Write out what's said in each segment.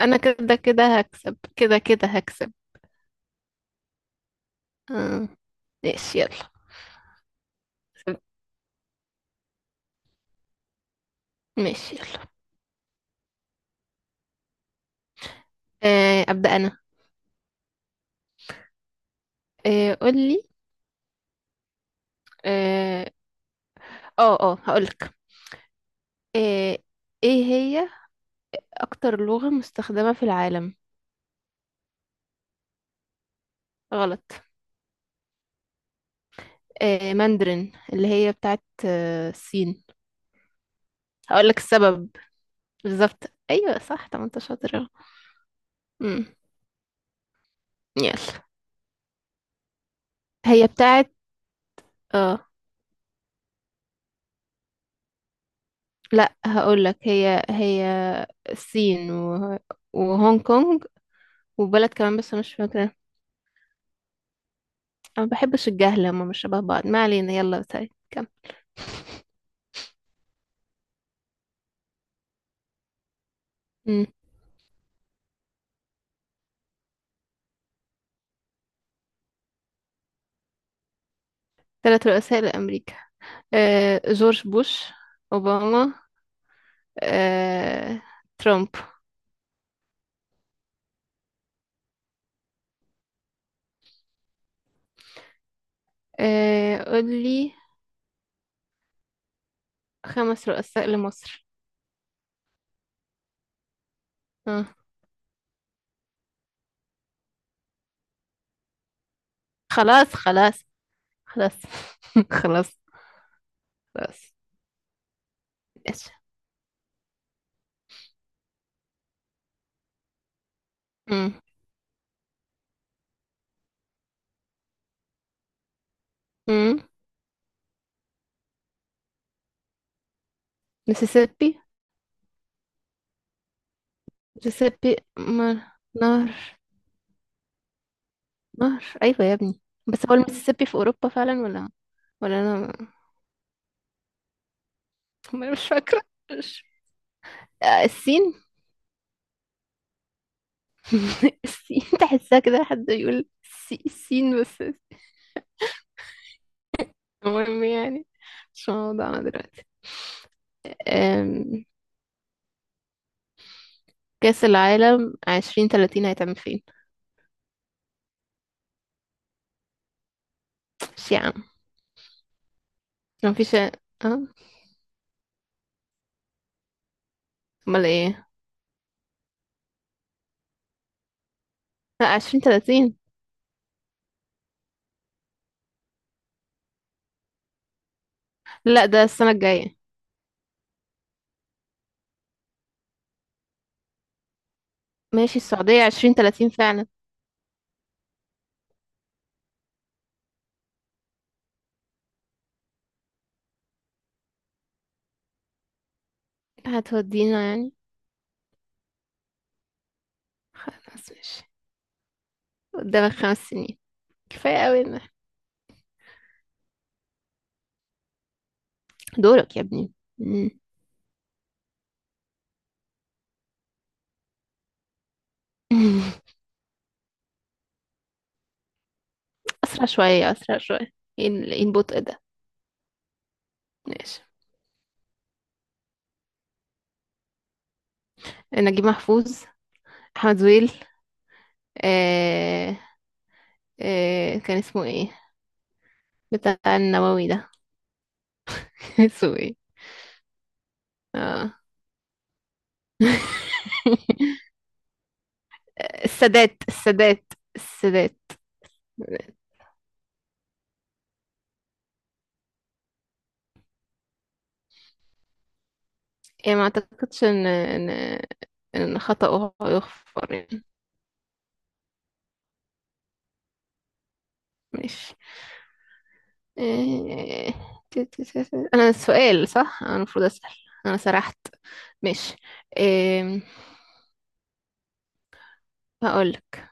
انا كده كده هكسب، كده كده هكسب. آه. ماشي يلا. ماشي يلا. آه. ابدا انا. آه. قولي. اه، اه، هقولك. آه. ايه هي اكتر لغة مستخدمة في العالم؟ غلط. آه. ماندرين، اللي هي بتاعت الصين. هقولك السبب. بالظبط. ايوه صح. طب ما انت شاطر أهو. مم. يلا. هي بتاعت. اه. لا هقولك. هي هي الصين وهونج كونج وبلد كمان، بس أنا مش فاكرة. أنا بحبش الجهل، هما مش شبه بعض. ما علينا، يلا. طيب كم؟ ثلاث رؤساء لأمريكا. جورج بوش، أوباما، آه، ترامب. قولي. خمس رؤساء لمصر. آه. خلاص خلاص خلاص. خلاص خلاص. ايش؟ مم. مم. مسيسيبي. مسيسيبي نهر. نهر، أيوة يا ابني. بس هو المسيسيبي في أوروبا فعلا، ولا ولا أنا؟ ما أنا مش فاكرة. مش... الصين. السين. تحسها كده حد يقول السين بس. المهم يعني، مش موضوعنا دلوقتي. أم، كأس العالم 2030 هيتعمل فين؟ مش يا عم. مفيش اه امال ايه؟ لا، 2030. لا، ده السنة الجاية. ماشي، السعودية 2030 فعلا. هتودينا يعني. خلاص ماشي. قدامك 5 سنين، كفاية قوي دورك يا ابني. مم. أسرع شوية، أسرع شوية. ايه إيه البطء ده؟ ماشي. نجيب محفوظ، أحمد زويل، آه كان اسمه ايه بتاع النووي ده؟ كان اسمه ايه؟ اه. السادات، السادات، السادات. يعني ما اعتقدش ان ان خطأه يغفر يعني. ماشي. آه، تي- تي- تي- تي. انا السؤال صح، انا المفروض اسأل. انا سرحت. ماشي. آم، هقولك.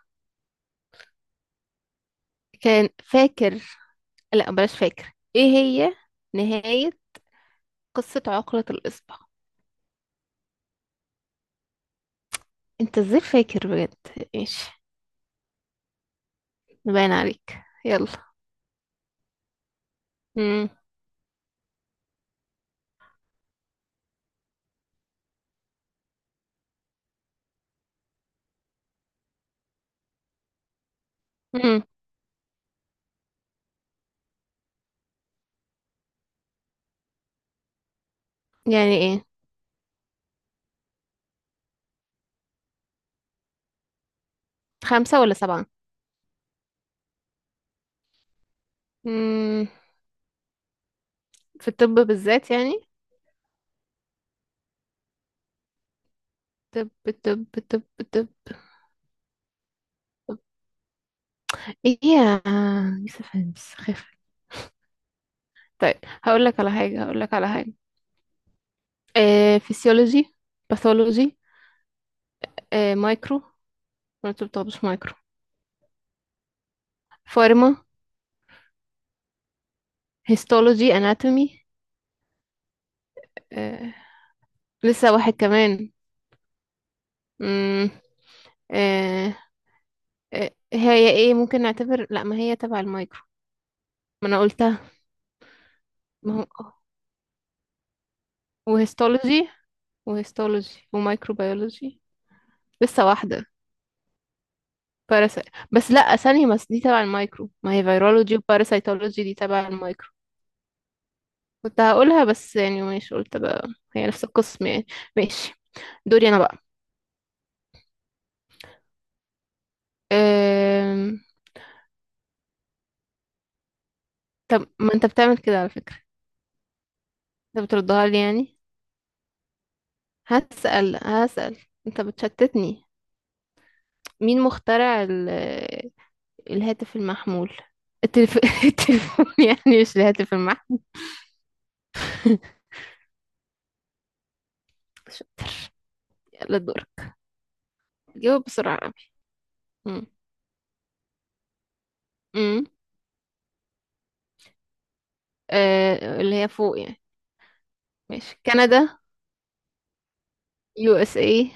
كان فاكر، لا بلاش. فاكر ايه هي نهاية قصة عقلة الإصبع؟ انت ازاي فاكر بجد؟ ايش! باين عليك، يلا. امم امم يعني ايه؟ خمسة ولا سبعة؟ امم في الطب بالذات يعني. طب طب طب طب. ايه يا يوسف هانس خف؟ طيب. هقول لك على حاجة، هقول لك على حاجة. فيسيولوجي، باثولوجي، مايكرو. ما انتوا بتاخدوش مايكرو؟ فارما. هيستولوجي، اناتومي. آه لسه واحد كمان. امم هي ايه؟ ممكن نعتبر، لا ما هي تبع المايكرو. ما انا قلتها. ما هو وهيستولوجي. ومايكروبيولوجي. لسه واحدة. باراسي. بس لا، ثانية بس، دي تبع المايكرو. ما هي فيرولوجي وباراسيتولوجي دي تبع المايكرو. كنت هقولها بس يعني، مش قلت بقى. هي نفس القسم يعني. ماشي، دوري انا بقى. أم... طب ما انت بتعمل كده على فكرة. انت بتردها لي يعني. هسأل هسأل. انت بتشتتني. مين مخترع الهاتف المحمول؟ التلف... التليفون يعني، مش الهاتف المحمول. شاطر. يلا، دورك. جاوب بسرعة يا رامي. مم. مم. اللي هي فوق يعني. ماشي، كندا، USA.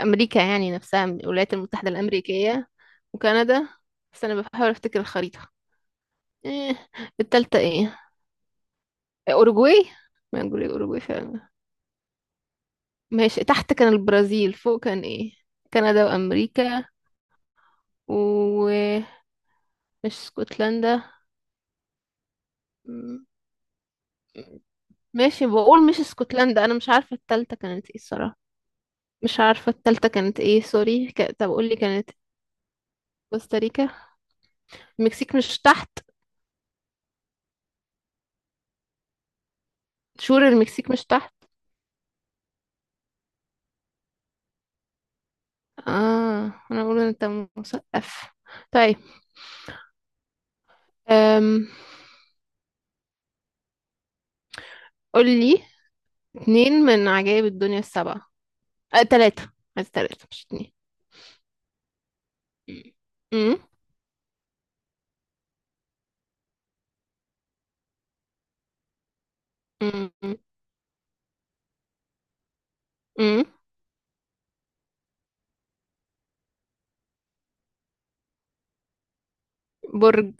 أمريكا يعني نفسها من الولايات المتحدة الأمريكية. وكندا. بس أنا بحاول أفتكر الخريطة. إيه التالتة؟ إيه؟ أوروجواي. ما أقول أوروجواي فعلا. ماشي، تحت كان البرازيل، فوق كان إيه؟ كندا وأمريكا، ومش اسكتلندا. ماشي، بقول مش اسكتلندا. انا مش عارفه التالتة كانت ايه الصراحه. مش عارفه التالتة كانت ايه. سوري. طب قول لي كانت. كوستاريكا. المكسيك مش تحت؟ شور المكسيك مش تحت. اه، انا بقول إن انت مثقف. طيب. أم... قول لي اتنين من عجائب الدنيا السبعة. تلاتة. عايز تلاتة مش اتنين. أم، أم، أم، أم. برج.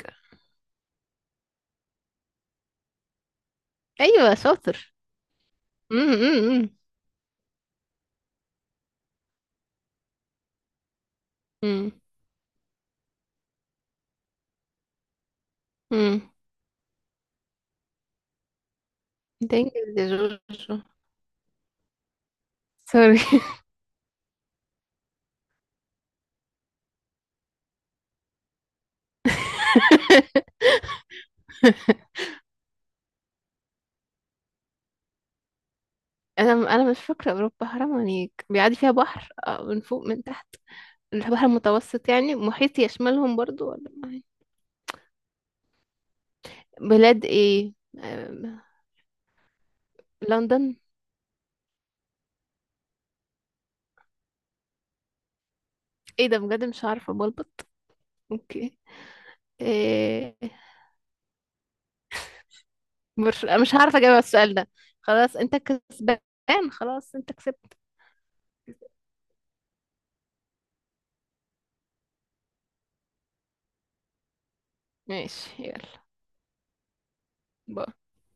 أيوة شاطر. أم، أم، أم، أم، أم. ده إنجليزي يا جورجو. سوري. انا مش فاكره اوروبا هرم يعني بيعدي فيها بحر من فوق من تحت؟ البحر المتوسط يعني محيط يشملهم برضو، ولا ما هي؟ بلاد ايه؟ آم، لندن. ايه ده بجد؟ مش عارفه بلبط. اوكي. إيه؟ مش هعرف اجاوب على السؤال ده. خلاص انت كسبان. خلاص انت كسبت. ماشي، يلا. باي.